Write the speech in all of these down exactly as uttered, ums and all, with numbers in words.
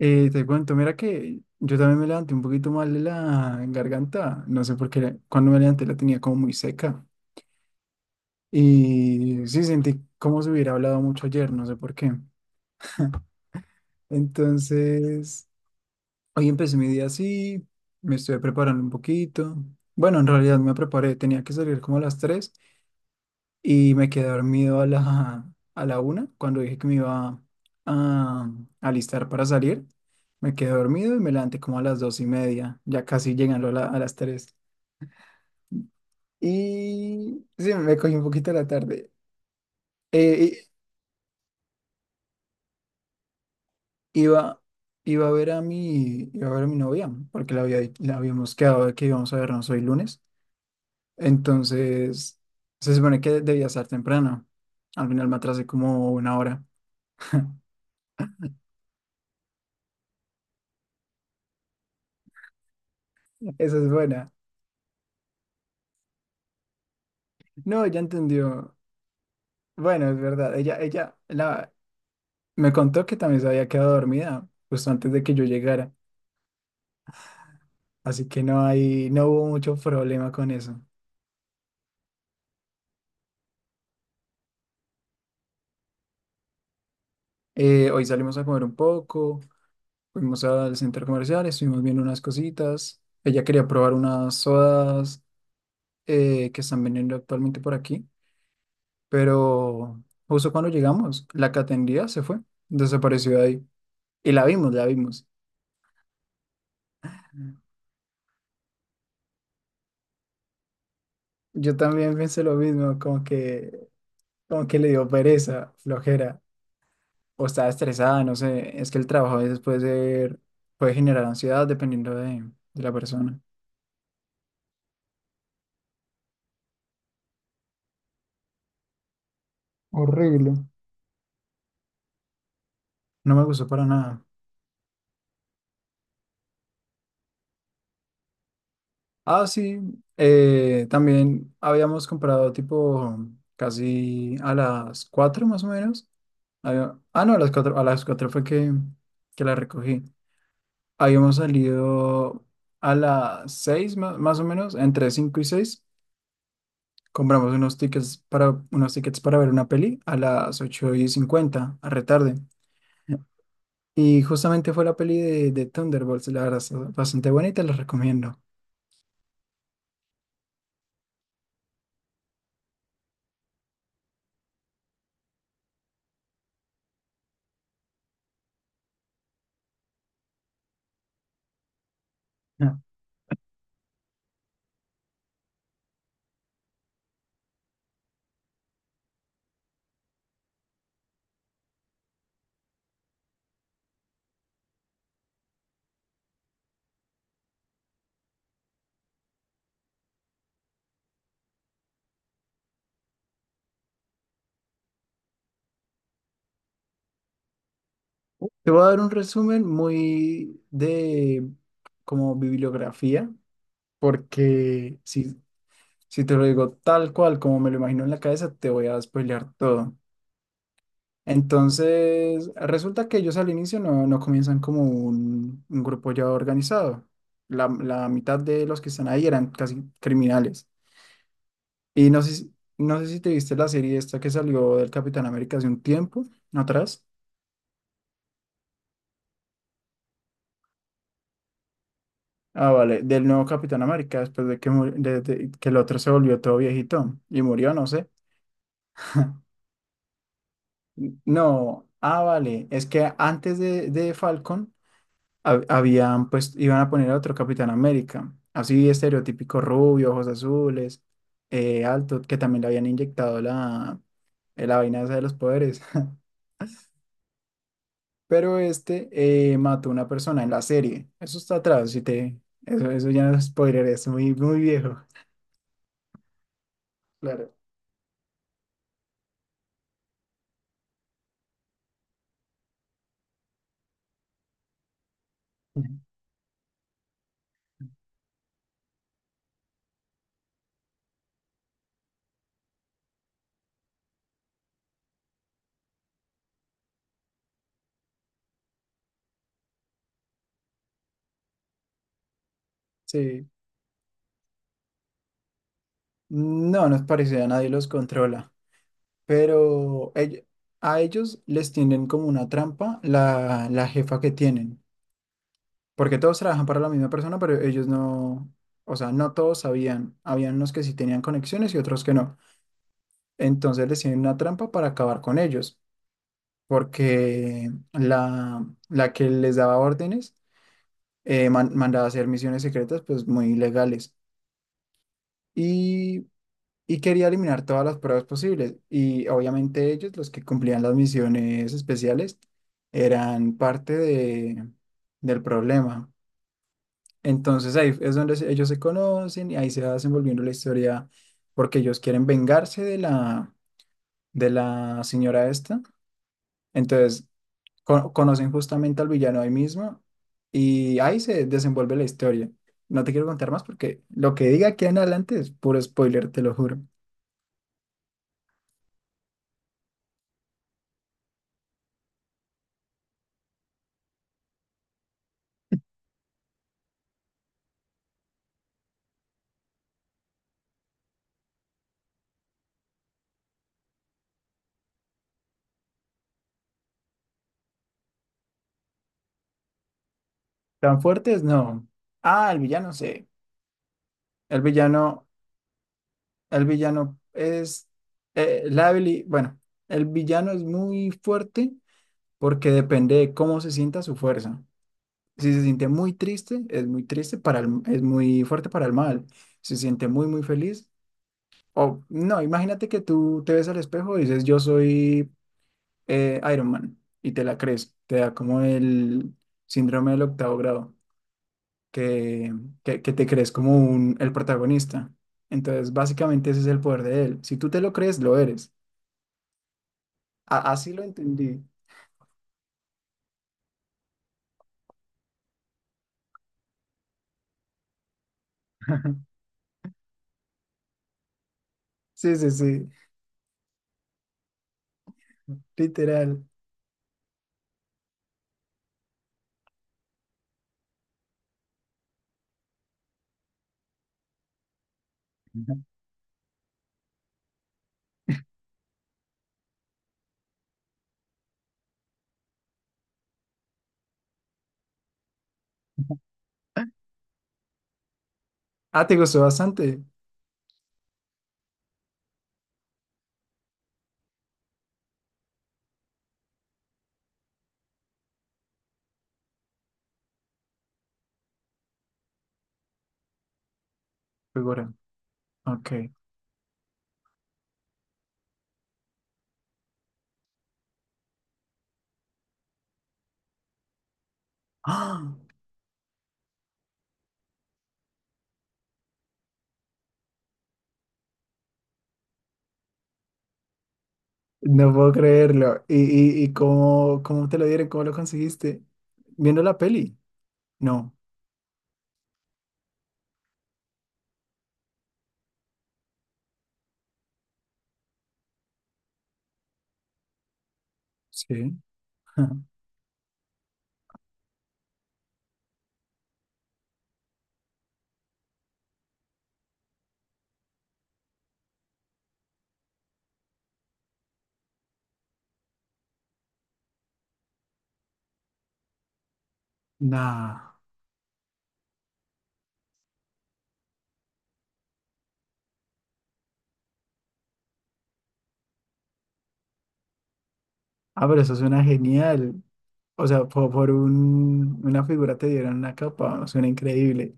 Eh, te cuento, mira que yo también me levanté un poquito mal de la garganta, no sé por qué, cuando me levanté la tenía como muy seca y sí sentí como si hubiera hablado mucho ayer, no sé por qué. Entonces, hoy empecé mi día así, me estuve preparando un poquito, bueno, en realidad me preparé, tenía que salir como a las tres. Y me quedé dormido a la, a la una, cuando dije que me iba a alistar para salir. Me quedé dormido y me levanté como a las dos y media, ya casi llegando a, la- a las tres. Y sí, me cogí un poquito la tarde. Eh, i- iba, iba a ver a mi, Iba a ver a mi novia, porque la, había, la habíamos quedado de que íbamos a vernos hoy lunes. Entonces, se supone que debía estar temprano. Al final me atrasé como una hora. Esa es buena. No, ya entendió. Bueno, es verdad, ella, ella la, me contó que también se había quedado dormida justo antes de que yo llegara, así que no hay, no hubo mucho problema con eso. Eh, hoy salimos a comer un poco, fuimos al centro comercial, estuvimos viendo unas cositas. Ella quería probar unas sodas eh, que están vendiendo actualmente por aquí, pero justo cuando llegamos, la que atendía se fue, desapareció de ahí. Y la vimos, la vimos. Yo también pensé lo mismo, como que, como que le dio pereza, flojera. O estaba estresada, no sé, es que el trabajo a veces puede ser, puede generar ansiedad dependiendo de, de la persona. Horrible. No me gustó para nada. Ah, sí, eh, también habíamos comprado tipo casi a las cuatro más o menos. Había- ah, no, A las cuatro a las cuatro fue que, que la recogí. Habíamos salido a las seis más, más o menos, entre cinco y seis. Compramos unos tickets para, unos tickets para ver una peli a las ocho y cincuenta a retarde. Y justamente fue la peli de, de Thunderbolts, la verdad, es bastante buena y te la recomiendo. Ah. Te voy a dar un resumen muy de como bibliografía, porque si, si te lo digo tal cual como me lo imagino en la cabeza, te voy a spoilear todo. Entonces, resulta que ellos al inicio no, no comienzan como un, un grupo ya organizado. La, la mitad de los que están ahí eran casi criminales. Y no sé, si- no sé si te viste la serie esta que salió del Capitán América hace un tiempo ¿no atrás. Ah, vale, del nuevo Capitán América, después de que, mur- de- de- que el otro se volvió todo viejito y murió, no sé. No, ah, vale, es que antes de, de Falcon hab- habían, pues, iban a poner a otro Capitán América, así estereotípico rubio, ojos azules, eh, alto, que también le habían inyectado la, eh, la vaina esa de los poderes. Pero este eh, mató a una persona en la serie. Eso está atrás, si te... Eso, eso ya no es spoiler, es muy, muy viejo. Claro. Sí. No, nos parece, a nadie los controla. Pero ell- a ellos les tienden como una trampa la, la jefa que tienen. Porque todos trabajan para la misma persona, pero ellos no... O sea, no todos sabían. Habían unos que sí tenían conexiones y otros que no. Entonces les tienen una trampa para acabar con ellos, porque la, la que les daba órdenes eh, man- mandaba a hacer misiones secretas pues muy ilegales y, y quería eliminar todas las pruebas posibles y obviamente ellos, los que cumplían las misiones especiales, eran parte de, del problema. Entonces ahí es donde se- ellos se conocen y ahí se va desenvolviendo la historia porque ellos quieren vengarse de la, de la señora esta. Entonces co- conocen justamente al villano ahí mismo y ahí se desenvuelve la historia. No te quiero contar más porque lo que diga aquí en adelante es puro spoiler, te lo juro. ¿Tan fuertes? No. Ah, el villano, sí. El villano, el villano es eh, la habili- bueno, el villano es muy fuerte porque depende de cómo se sienta su fuerza. Si se siente muy triste, es muy triste para el- es muy fuerte para el mal. Si se siente muy, muy feliz, o no, imagínate que tú te ves al espejo y dices, yo soy eh, Iron Man, y te la crees, te da como el síndrome del octavo grado, que, que, que te crees como un, el protagonista. Entonces, básicamente ese es el poder de él. Si tú te lo crees, lo eres. A- así lo entendí. Sí, sí, sí, literal. Ah, te gustó bastante, figura. Ok. ¡Ah! No puedo creerlo. ¿Y, y, y cómo, cómo te lo dieron? ¿Cómo lo conseguiste? Viendo la peli. No, sí. Nada. Ah, pero eso suena genial. O sea, po- por, un- una figura te dieron una capa, suena increíble.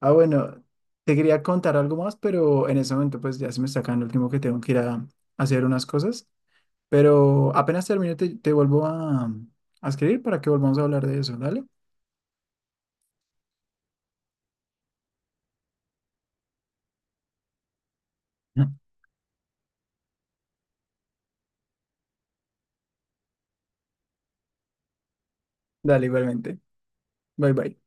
Ah, bueno, te quería contar algo más, pero en ese momento pues ya se me está acabando el tiempo que tengo que ir a, a hacer unas cosas. Pero apenas termine te, te vuelvo a, a escribir para que volvamos a hablar de eso, ¿dale? Dale, igualmente. Bye bye.